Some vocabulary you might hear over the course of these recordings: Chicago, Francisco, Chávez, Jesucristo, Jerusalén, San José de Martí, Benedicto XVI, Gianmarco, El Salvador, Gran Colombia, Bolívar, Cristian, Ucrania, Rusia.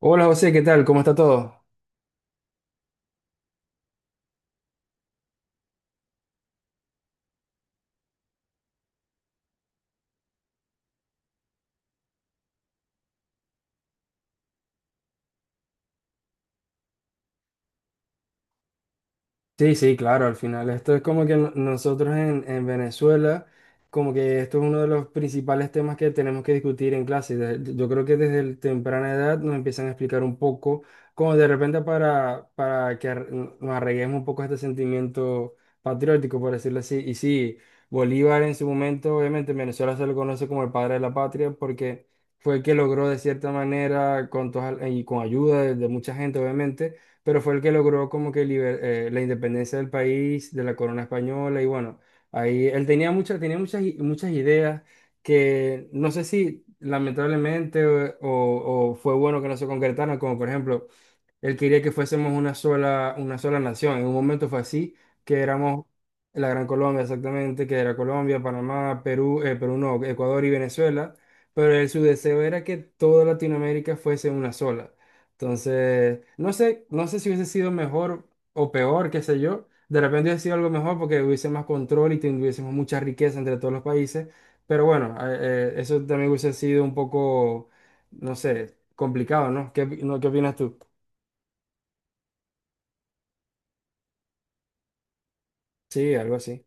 Hola José, ¿qué tal? ¿Cómo está todo? Sí, sí, claro, al final esto es como que nosotros en Venezuela, como que esto es uno de los principales temas que tenemos que discutir en clase. Yo creo que desde el temprana edad nos empiezan a explicar un poco, como de repente para que nos arreguemos un poco a este sentimiento patriótico, por decirlo así. Y sí, Bolívar en su momento, obviamente en Venezuela se lo conoce como el padre de la patria porque fue el que logró de cierta manera, y con ayuda de mucha gente, obviamente, pero fue el que logró como que la independencia del país, de la corona española, y bueno, ahí él tenía muchas ideas que no sé si lamentablemente o fue bueno que no se concretaron, como por ejemplo, él quería que fuésemos una sola nación, en un momento fue así, que éramos la Gran Colombia exactamente, que era Colombia, Panamá, Perú, Perú no, Ecuador y Venezuela, pero él, su deseo era que toda Latinoamérica fuese una sola. Entonces, no sé si hubiese sido mejor o peor, qué sé yo. De repente hubiese sido algo mejor porque hubiese más control y tuviésemos mucha riqueza entre todos los países. Pero bueno, eso también hubiese sido un poco, no sé, complicado, ¿no? ¿Qué, opi- no, qué opinas tú? Sí, algo así.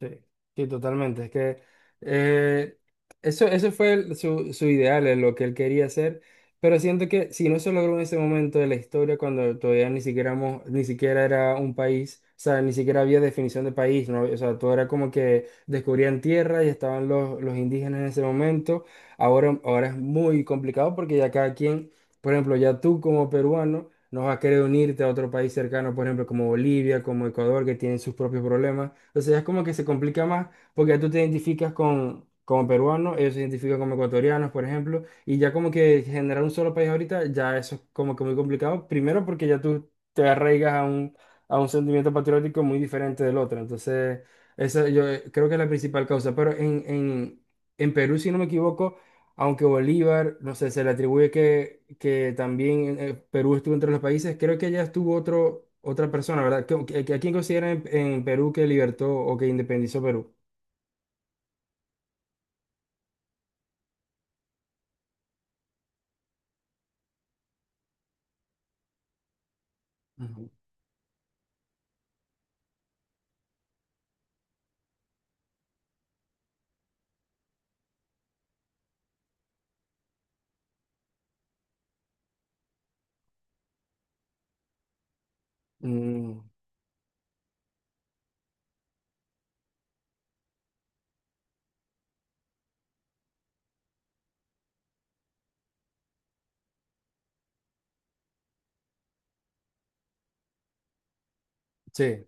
Sí, sí, totalmente. Es que eh, eso fue su ideal, es lo que él quería hacer, pero siento que si no se logró en ese momento de la historia, cuando todavía ni siquiera era un país, o sea, ni siquiera había definición de país, ¿no? O sea, todo era como que descubrían tierra y estaban los indígenas en ese momento. Ahora es muy complicado porque ya cada quien, por ejemplo, ya tú como peruano no vas a querer unirte a otro país cercano, por ejemplo, como Bolivia, como Ecuador, que tienen sus propios problemas. Entonces es como que se complica más porque ya tú te identificas como peruano, ellos se identifican como ecuatorianos, por ejemplo, y ya como que generar un solo país ahorita, ya eso es como que muy complicado. Primero porque ya tú te arraigas a un sentimiento patriótico muy diferente del otro. Entonces, esa yo creo que es la principal causa. Pero en Perú, si no me equivoco, aunque Bolívar, no sé, se le atribuye que también Perú estuvo entre los países, creo que ya estuvo otro, otra persona, ¿verdad? ¿A quién consideran en Perú que libertó o que independizó Perú? Ujú. Mm, sí.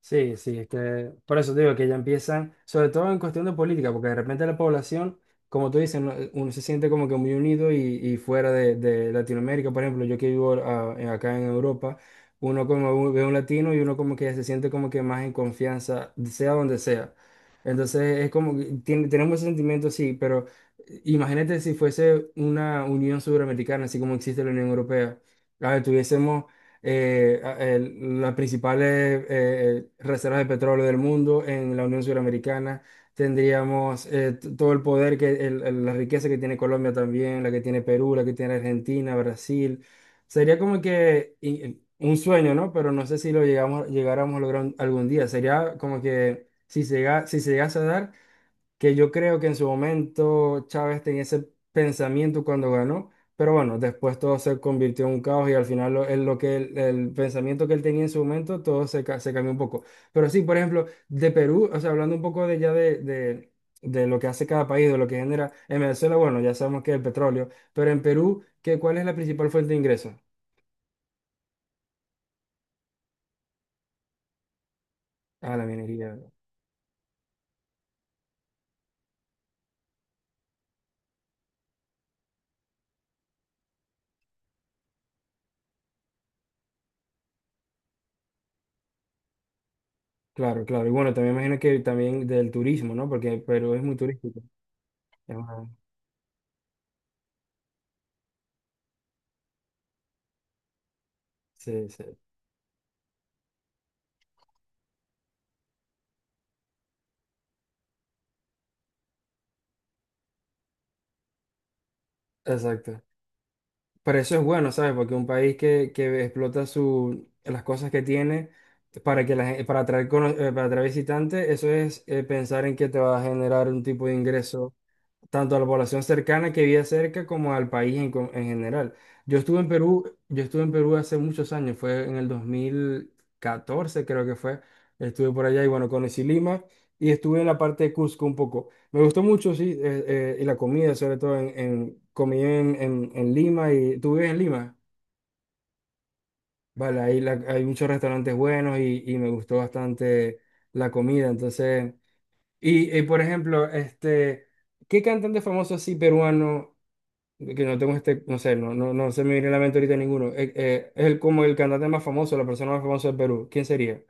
Sí, sí, es que por eso te digo que ya empiezan, sobre todo en cuestión de política, porque de repente la población, como tú dices, uno se siente como que muy unido y fuera de Latinoamérica, por ejemplo, yo que vivo acá en Europa, uno como ve un latino y uno como que se siente como que más en confianza, sea donde sea. Entonces es como que tenemos ese sentimiento, sí, pero imagínate si fuese una unión sudamericana, así como existe la Unión Europea. A ver, tuviésemos las principales reservas de petróleo del mundo en la Unión Suramericana. Tendríamos todo el poder, que la riqueza que tiene Colombia también, la que tiene Perú, la que tiene Argentina, Brasil. Sería como que un sueño, ¿no? Pero no sé si lo llegamos, llegáramos a lograr algún día. Sería como que si se llega, si se llegase a dar, que yo creo que en su momento Chávez tenía ese pensamiento cuando ganó, pero bueno, después todo se convirtió en un caos y al final lo, él- lo que él- el pensamiento que él tenía en su momento, todo se cambió un poco. Pero sí, por ejemplo, de Perú, o sea, hablando un poco de ya de lo que hace cada país, de lo que genera en Venezuela, bueno, ya sabemos que es el petróleo, pero en Perú, ¿qué, cuál es la principal fuente de ingresos? Ah, la minería. Claro, claro. Y bueno, también imagino que también del turismo, ¿no? Porque Perú es muy turístico. Es una- Sí, sí. Exacto. Pero eso es bueno, ¿sabes? Porque un país que explota las cosas que tiene para, que la, gen- para, atraer, cono- para atraer visitantes, eso es pensar en que te va a generar un tipo de ingreso tanto a la población cercana que vive cerca como al país en general. Yo estuve en Perú hace muchos años, fue en el 2014 creo que fue, estuve por allá y bueno, conocí Lima y estuve en la parte de Cusco un poco. Me gustó mucho, sí, y la comida, sobre todo en comí en Lima, y tú vives en Lima, vale, ahí hay muchos restaurantes buenos y me gustó bastante la comida, entonces, por ejemplo, este, ¿qué cantante famoso así peruano, que no tengo este, no sé, no, no, no se me viene a la mente ahorita ninguno, es como el cantante más famoso, la persona más famosa de Perú, ¿quién sería?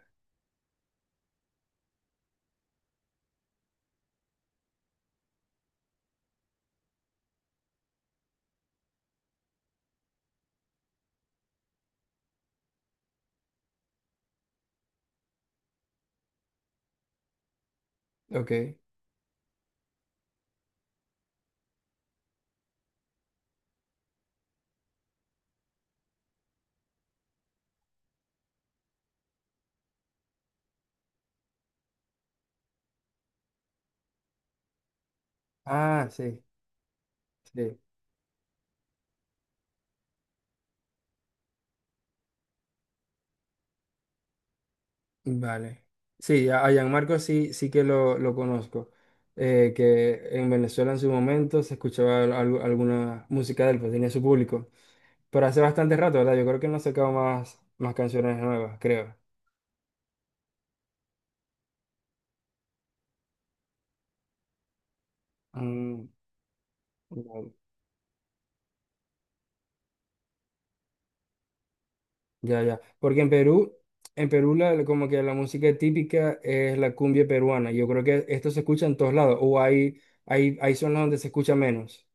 Ok. Ah, sí, sí. Vale. Sí, a Gianmarco sí, sí que lo conozco. Que en Venezuela en su momento se escuchaba alguna música de él, pues tenía su público. Pero hace bastante rato, ¿verdad? Yo creo que no ha sacado más canciones nuevas, creo. Mm, vale. Ya, ya. Porque en Perú como que la música típica es la cumbia peruana. Yo creo que esto se escucha en todos lados. O hay zonas donde se escucha menos.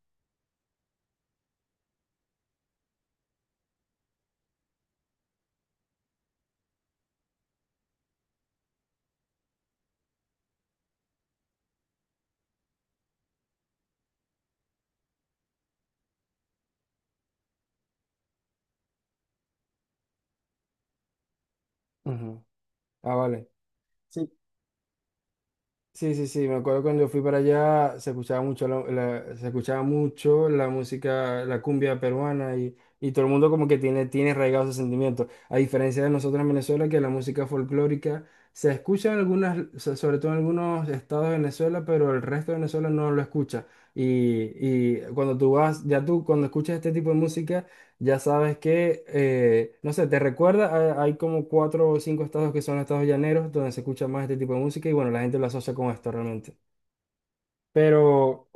Ujú. Ah, vale. Sí, sí, sí, me acuerdo cuando fui para allá se escuchaba mucho se escuchaba mucho la música, la cumbia peruana y todo el mundo como que tiene arraigado ese sentimiento. A diferencia de nosotros en Venezuela, que la música folclórica se escucha en sobre todo en algunos estados de Venezuela, pero el resto de Venezuela no lo escucha. Y cuando tú vas, ya tú cuando escuchas este tipo de música ya sabes que, no sé, te recuerda, hay como cuatro o cinco estados que son estados llaneros donde se escucha más este tipo de música y bueno, la gente lo asocia con esto realmente. Pero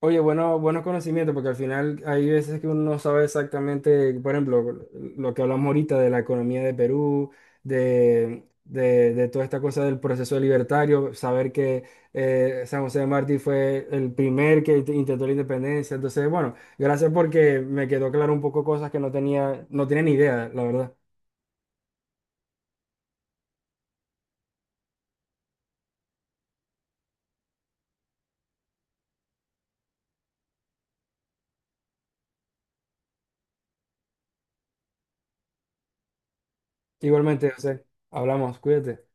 Oye, bueno, buenos conocimientos, porque al final hay veces que uno no sabe exactamente, por ejemplo, lo que hablamos ahorita de la economía de Perú, de toda esta cosa del proceso libertario, saber que San José de Martí fue el primer que intentó la independencia. Entonces, bueno, gracias porque me quedó claro un poco cosas que no tenía ni idea, la verdad. Igualmente, José, hablamos, cuídate.